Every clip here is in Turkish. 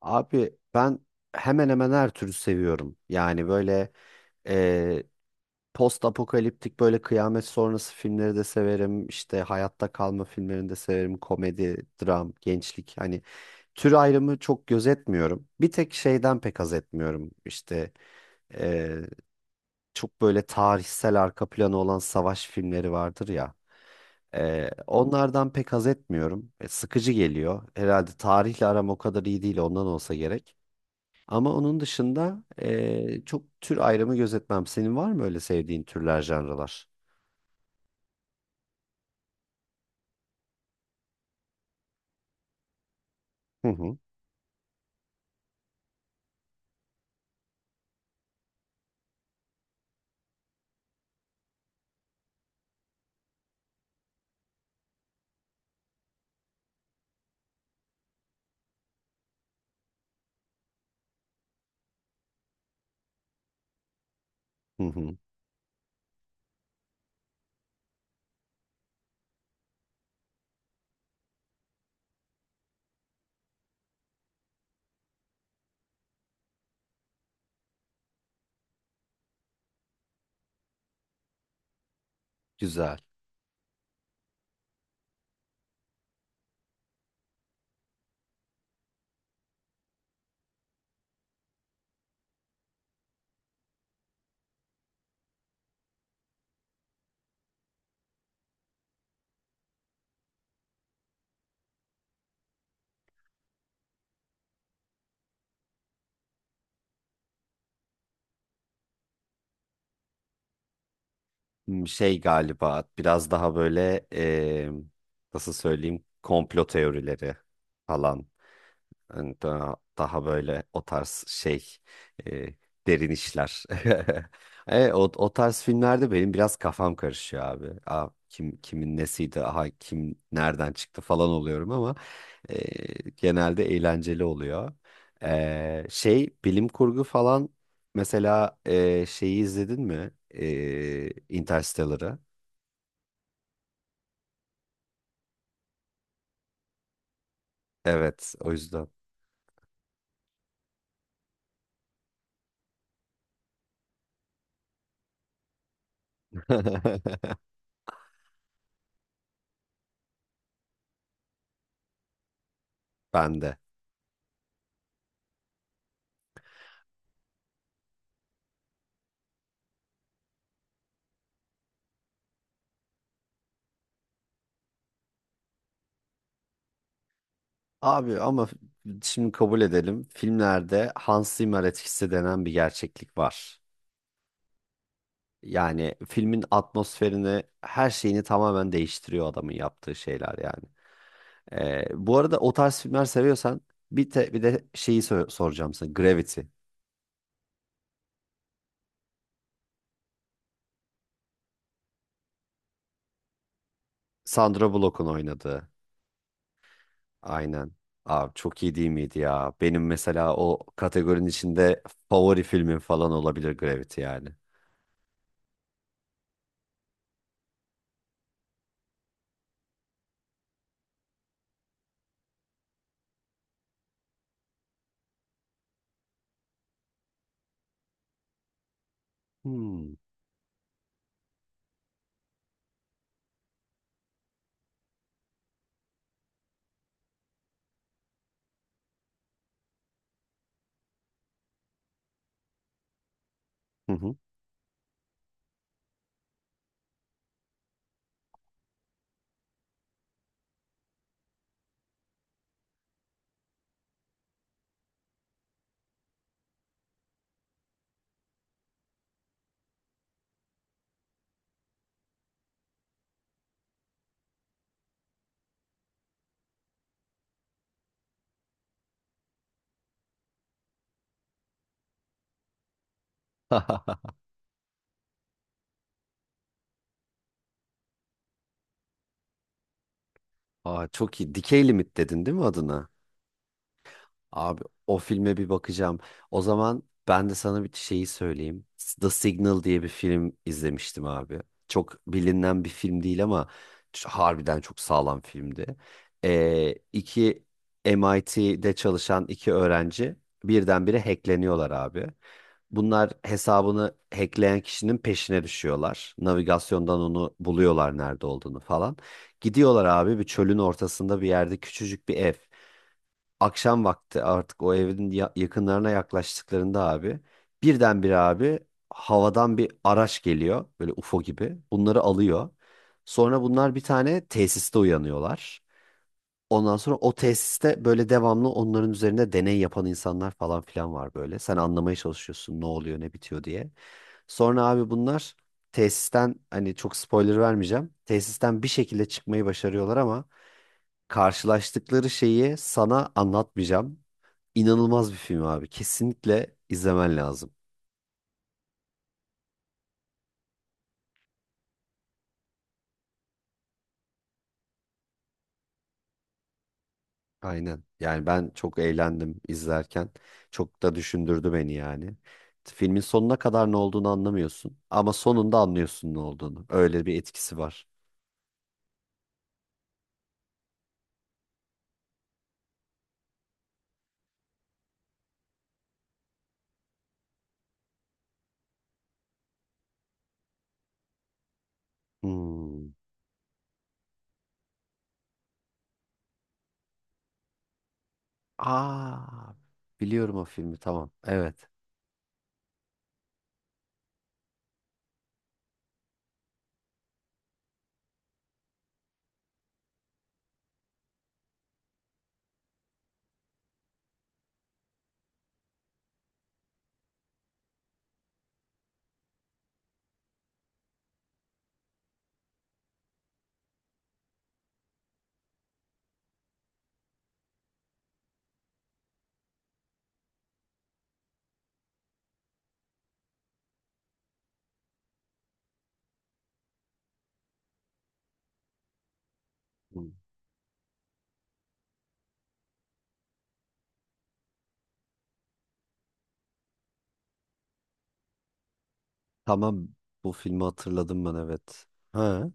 Abi ben hemen hemen her türü seviyorum. Yani e, post apokaliptik, böyle kıyamet sonrası filmleri de severim. İşte hayatta kalma filmlerini de severim. Komedi, dram, gençlik. Hani tür ayrımı çok gözetmiyorum. Bir tek şeyden pek haz etmiyorum. E, Çok böyle tarihsel arka planı olan savaş filmleri vardır ya. Onlardan pek haz etmiyorum. Sıkıcı geliyor. Herhalde tarihle aram o kadar iyi değil, ondan olsa gerek. Ama onun dışında çok tür ayrımı gözetmem. Senin var mı öyle sevdiğin türler, janralar? Hı hı, hı hı. Güzel. Hmm, şey galiba biraz daha böyle, nasıl söyleyeyim, komplo teorileri falan. Yani daha böyle o tarz şey e, derin işler. O tarz filmlerde benim biraz kafam karışıyor abi. Aa, kim kimin nesiydi, aha kim nereden çıktı falan oluyorum ama genelde eğlenceli oluyor. Şey, bilim kurgu falan mesela, şeyi izledin mi? Interstellar'ı. Evet, o yüzden. Ben de. Abi ama şimdi kabul edelim. Filmlerde Hans Zimmer etkisi denen bir gerçeklik var. Yani filmin atmosferini, her şeyini tamamen değiştiriyor adamın yaptığı şeyler yani. Bu arada o tarz filmler seviyorsan bir de şeyi soracağım sana. Gravity. Sandra Bullock'un oynadığı. Aynen. Abi çok iyi değil miydi ya? Benim mesela o kategorinin içinde favori filmim falan olabilir Gravity yani. Hmm. Hı hı. Aa, çok iyi. Decay Limit dedin değil mi adına? Abi o filme bir bakacağım. O zaman ben de sana bir şeyi söyleyeyim. The Signal diye bir film izlemiştim abi. Çok bilinen bir film değil ama harbiden çok sağlam filmdi. İki MIT'de çalışan iki öğrenci birdenbire hackleniyorlar abi. Bunlar hesabını hackleyen kişinin peşine düşüyorlar. Navigasyondan onu buluyorlar, nerede olduğunu falan. Gidiyorlar abi, bir çölün ortasında bir yerde küçücük bir ev. Akşam vakti artık o evin yakınlarına yaklaştıklarında abi, birdenbire abi, havadan bir araç geliyor böyle UFO gibi. Bunları alıyor. Sonra bunlar bir tane tesiste uyanıyorlar. Ondan sonra o tesiste böyle devamlı onların üzerinde deney yapan insanlar falan filan var böyle. Sen anlamaya çalışıyorsun ne oluyor ne bitiyor diye. Sonra abi bunlar tesisten, hani çok spoiler vermeyeceğim. Tesisten bir şekilde çıkmayı başarıyorlar ama karşılaştıkları şeyi sana anlatmayacağım. İnanılmaz bir film abi. Kesinlikle izlemen lazım. Aynen. Yani ben çok eğlendim izlerken. Çok da düşündürdü beni yani. Filmin sonuna kadar ne olduğunu anlamıyorsun ama sonunda anlıyorsun ne olduğunu. Öyle bir etkisi var. Hmm. Aa, biliyorum o filmi, tamam. Evet. Tamam, bu filmi hatırladım ben, evet. Ha.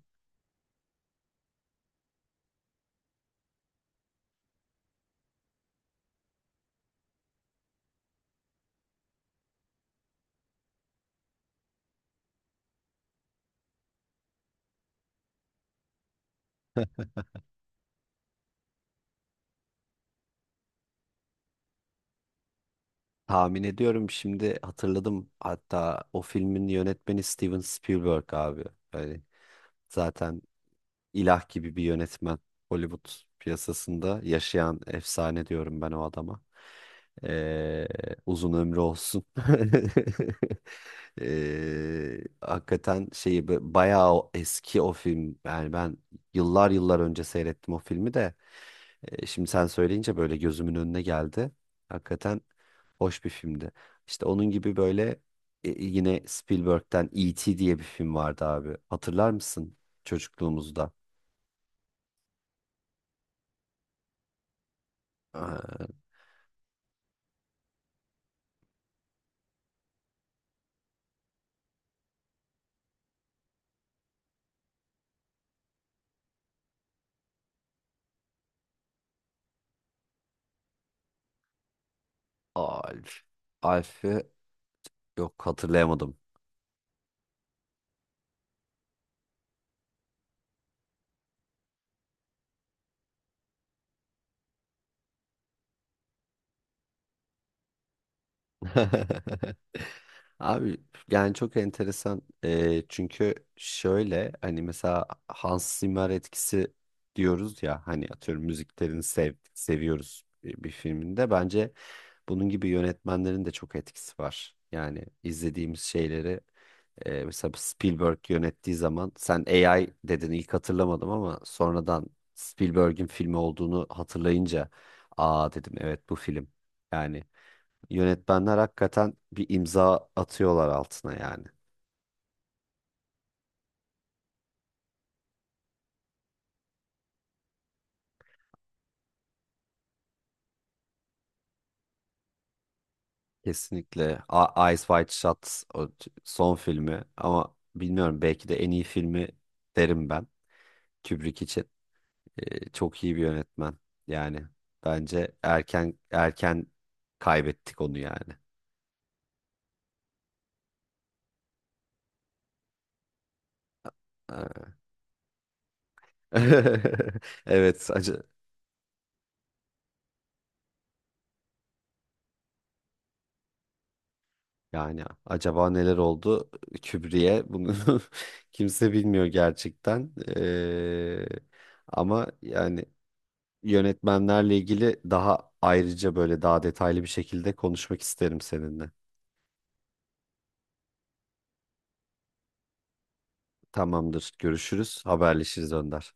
Tahmin ediyorum, şimdi hatırladım. Hatta o filmin yönetmeni Steven Spielberg abi. Yani zaten ilah gibi bir yönetmen. Hollywood piyasasında yaşayan efsane diyorum ben o adama. Ee, uzun ömrü olsun. Hakikaten şeyi bayağı o eski o film. Yani ben yıllar yıllar önce seyrettim o filmi de. Şimdi sen söyleyince böyle gözümün önüne geldi. Hakikaten hoş bir filmdi. İşte onun gibi böyle, yine Spielberg'den E.T. diye bir film vardı abi. Hatırlar mısın çocukluğumuzda? Ee, Alf. Alf'i yok, hatırlayamadım. Abi yani çok enteresan. Çünkü şöyle, hani mesela Hans Zimmer etkisi diyoruz ya, hani atıyorum müziklerini seviyoruz bir, bir filminde. Bence bunun gibi yönetmenlerin de çok etkisi var. Yani izlediğimiz şeyleri, mesela Spielberg yönettiği zaman, sen AI dedin, ilk hatırlamadım ama sonradan Spielberg'in filmi olduğunu hatırlayınca aa dedim, evet bu film. Yani yönetmenler hakikaten bir imza atıyorlar altına yani. Kesinlikle Eyes Wide Shut son filmi, ama bilmiyorum belki de en iyi filmi derim ben Kubrick için. E, çok iyi bir yönetmen yani. Bence erken kaybettik onu yani. Evet, acı yani. Acaba neler oldu Kübri'ye bunu, kimse bilmiyor gerçekten. Ama yani yönetmenlerle ilgili daha ayrıca böyle daha detaylı bir şekilde konuşmak isterim seninle. Tamamdır, görüşürüz, haberleşiriz Önder.